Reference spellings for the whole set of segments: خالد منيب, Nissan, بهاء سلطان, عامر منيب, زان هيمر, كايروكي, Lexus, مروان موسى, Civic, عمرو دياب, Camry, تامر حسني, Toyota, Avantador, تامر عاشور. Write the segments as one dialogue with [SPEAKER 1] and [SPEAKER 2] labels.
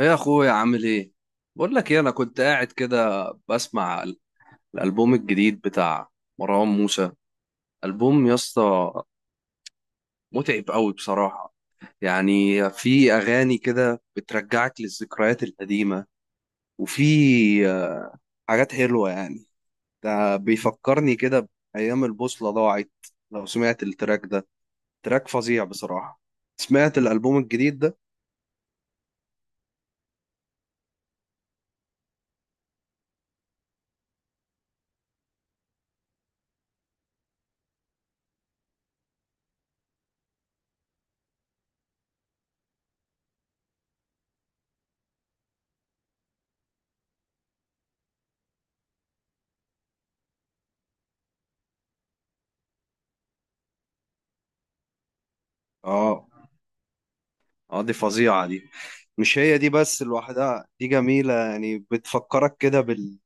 [SPEAKER 1] ايه يا اخويا عامل ايه؟ بقول لك ايه، انا كنت قاعد كده بسمع الالبوم الجديد بتاع مروان موسى. البوم يا اسطى متعب قوي بصراحه، يعني في اغاني كده بترجعك للذكريات القديمه، وفي آه، حاجات حلوه يعني. ده بيفكرني كده بايام البوصله ضاعت. لو سمعت التراك ده، تراك فظيع بصراحه. سمعت الالبوم الجديد ده؟ اه. اه دي فظيعه دي. مش هي دي بس لوحدها، دي جميلة يعني بتفكرك كده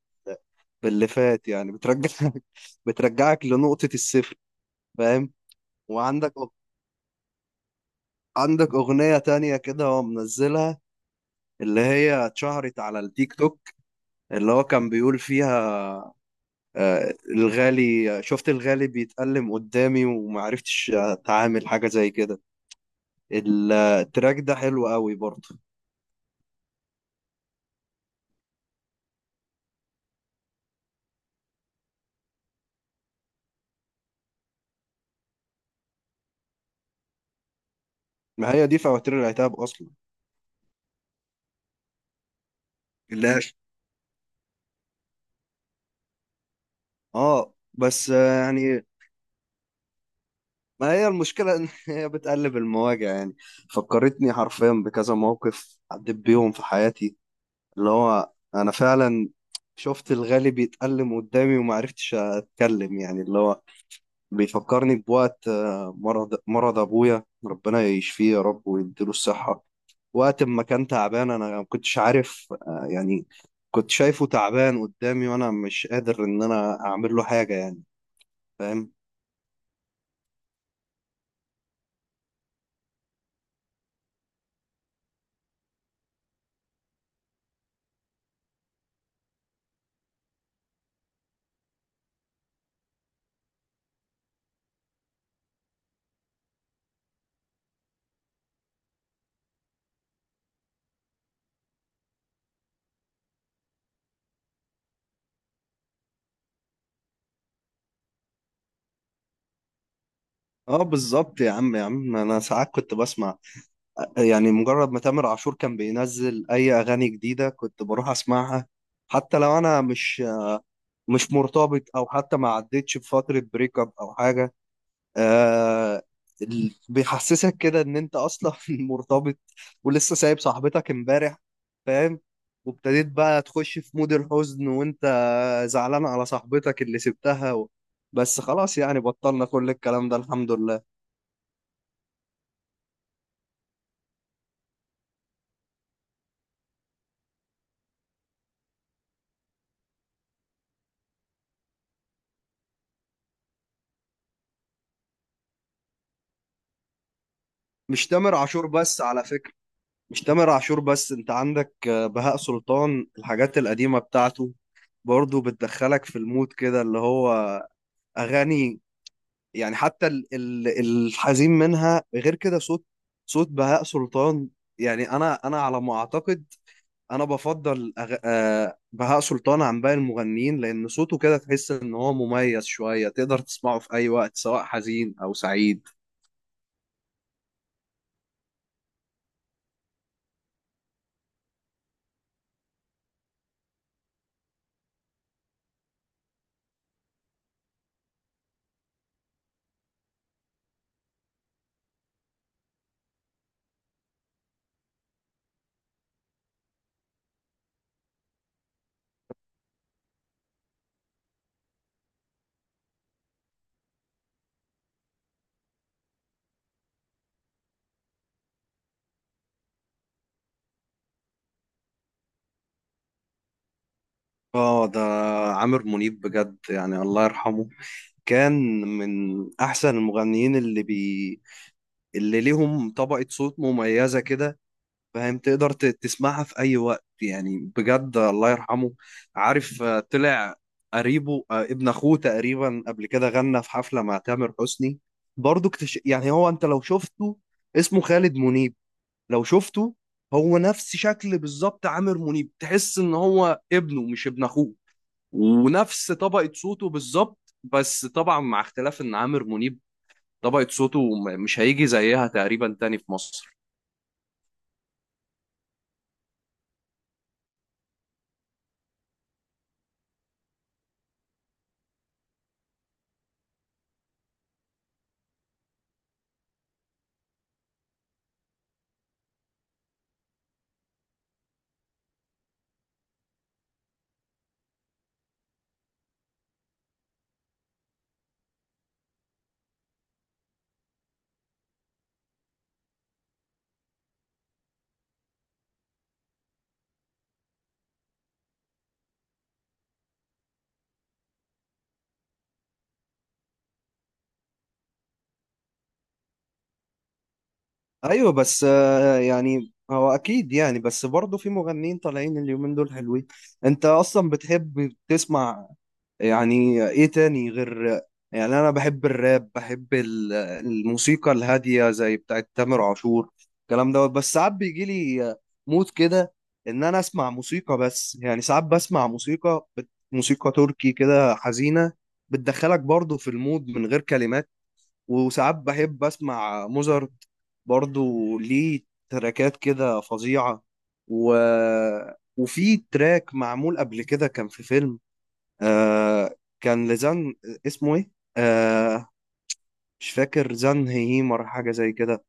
[SPEAKER 1] باللي فات، يعني بترجعك بترجعك لنقطة الصفر. فاهم؟ وعندك عندك أغنية تانية كده هو منزلها، اللي هي اتشهرت على التيك توك، اللي هو كان بيقول فيها، الغالي شفت الغالي بيتألم قدامي ومعرفتش أتعامل حاجة زي كده. التراك ده حلو قوي برضه. ما هي دي فواتير العتاب أصلا. اللي هي- اه بس يعني ما هي المشكلة إن هي بتقلب المواجع يعني. فكرتني حرفيا بكذا موقف عديت بيهم في حياتي، اللي هو أنا فعلا شفت الغالي بيتألم قدامي وما عرفتش أتكلم، يعني اللي هو بيفكرني بوقت مرض أبويا، ربنا يشفيه يا رب ويديله الصحة. وقت ما كان تعبان أنا ما كنتش عارف يعني كنت شايفه تعبان قدامي وأنا مش قادر إن أنا أعمل له حاجة يعني. فاهم؟ اه بالظبط. يا عم انا ساعات كنت بسمع، يعني مجرد ما تامر عاشور كان بينزل اي اغاني جديده كنت بروح اسمعها، حتى لو انا مش مرتبط او حتى ما عدتش بفتره بريك اب او حاجه. آه، بيحسسك كده ان انت اصلا مرتبط ولسه سايب صاحبتك امبارح. فاهم؟ وابتديت بقى تخش في مود الحزن وانت زعلان على صاحبتك اللي سبتها و... بس خلاص يعني، بطلنا كل الكلام ده، الحمد لله. مش تامر عاشور بس على فكرة. مش تامر عاشور بس، انت عندك بهاء سلطان، الحاجات القديمة بتاعته برضو بتدخلك في المود كده، اللي هو أغاني يعني. حتى الحزين منها غير كده. صوت، صوت بهاء سلطان يعني، أنا على ما أعتقد أنا بفضل بهاء سلطان عن باقي المغنيين، لأن صوته كده تحس إن هو مميز شوية، تقدر تسمعه في أي وقت، سواء حزين أو سعيد. آه ده عامر منيب بجد يعني، الله يرحمه. كان من احسن المغنيين اللي ليهم طبقة صوت مميزة كده. فاهم؟ تقدر تسمعها في اي وقت، يعني بجد الله يرحمه. عارف طلع قريبه ابن اخوه تقريبا، قبل كده غنى في حفلة مع تامر حسني برضو. يعني هو، انت لو شفته، اسمه خالد منيب، لو شفته، هو نفس شكل بالظبط عامر منيب، تحس ان هو ابنه مش ابن اخوه. ونفس طبقة صوته بالظبط، بس طبعا مع اختلاف ان عامر منيب طبقة صوته مش هيجي زيها تقريبا تاني في مصر. ايوه بس يعني هو اكيد يعني، بس برضه في مغنيين طالعين اليومين دول حلوين. انت اصلا بتحب تسمع يعني ايه تاني غير، يعني انا بحب الراب، بحب الموسيقى الهاديه زي بتاعت تامر عاشور، الكلام دوت. بس ساعات بيجي لي مود كده ان انا اسمع موسيقى بس، يعني ساعات بسمع موسيقى موسيقى تركي كده حزينه، بتدخلك برضو في المود من غير كلمات. وساعات بحب اسمع موزارت، برضو ليه تراكات كده فظيعه و... وفي تراك معمول قبل كده، كان في فيلم، آه، كان لزان، اسمه ايه، آه، مش فاكر، زان هيمر حاجة زي كده.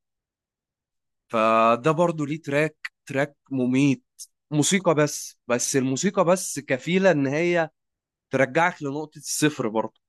[SPEAKER 1] فده برضو ليه تراك مميت. موسيقى بس، بس الموسيقى بس كفيلة ان هي ترجعك لنقطة الصفر برضو.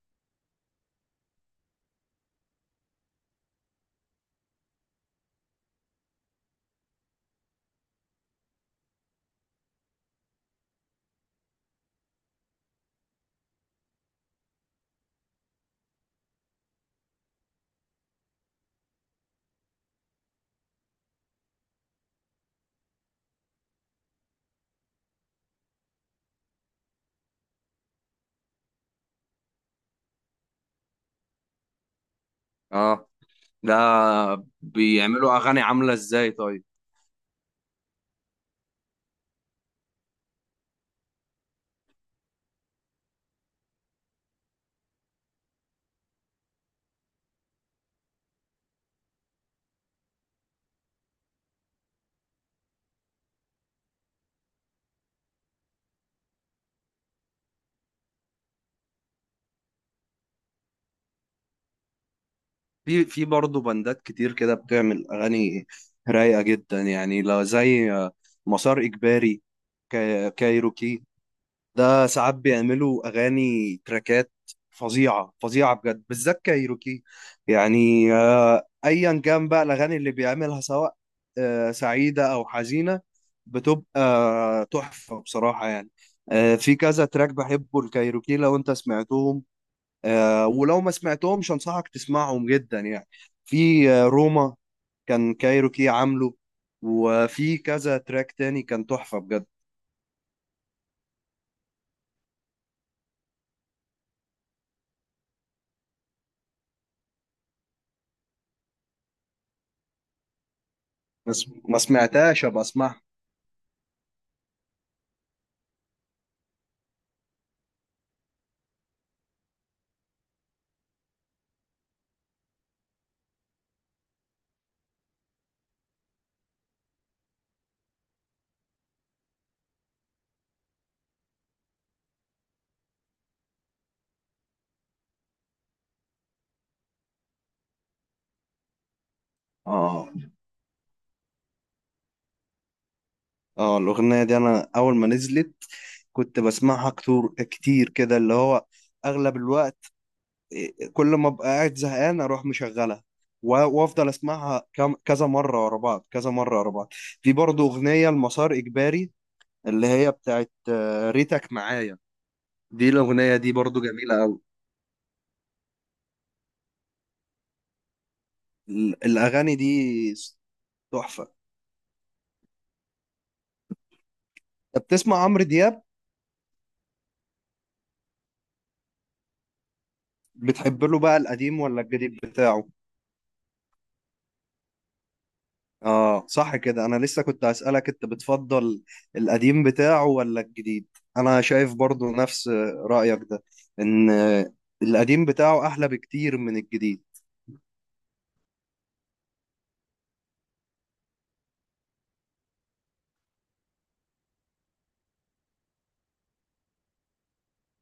[SPEAKER 1] اه ده بيعملوا اغاني عاملة ازاي طيب؟ في برضه بندات كتير كده بتعمل اغاني رايقة جدا يعني، لا زي مسار اجباري، كايروكي. ده ساعات بيعملوا اغاني، تراكات فظيعه فظيعه بجد، بالذات كايروكي. يعني ايا كان بقى الاغاني اللي بيعملها، سواء سعيده او حزينه، بتبقى تحفه بصراحه يعني. في كذا تراك بحبه الكايروكي، لو انت سمعتهم، ولو ما سمعتهمش انصحك تسمعهم جدا يعني. في روما، كان كايروكي عامله، وفي كذا تراك تاني كان تحفه بجد. بس ما سمعتهاش، ابقى اسمعها. اه. اه الأغنية دي أنا أول ما نزلت كنت بسمعها كتير كتير كده، اللي هو أغلب الوقت، كل ما أبقى قاعد زهقان أروح مشغلها و- وأفضل أسمعها كذا مرة ورا بعض، كذا مرة ورا بعض. في برضه أغنية المسار إجباري، اللي هي بتاعت ريتك معايا. دي الأغنية دي برضه جميلة أوي. الأغاني دي تحفة. أنت بتسمع عمرو دياب؟ بتحب له بقى القديم ولا الجديد بتاعه؟ اه صح كده، انا لسه كنت هسألك انت بتفضل القديم بتاعه ولا الجديد. انا شايف برضو نفس رأيك ده، ان القديم بتاعه احلى بكتير من الجديد.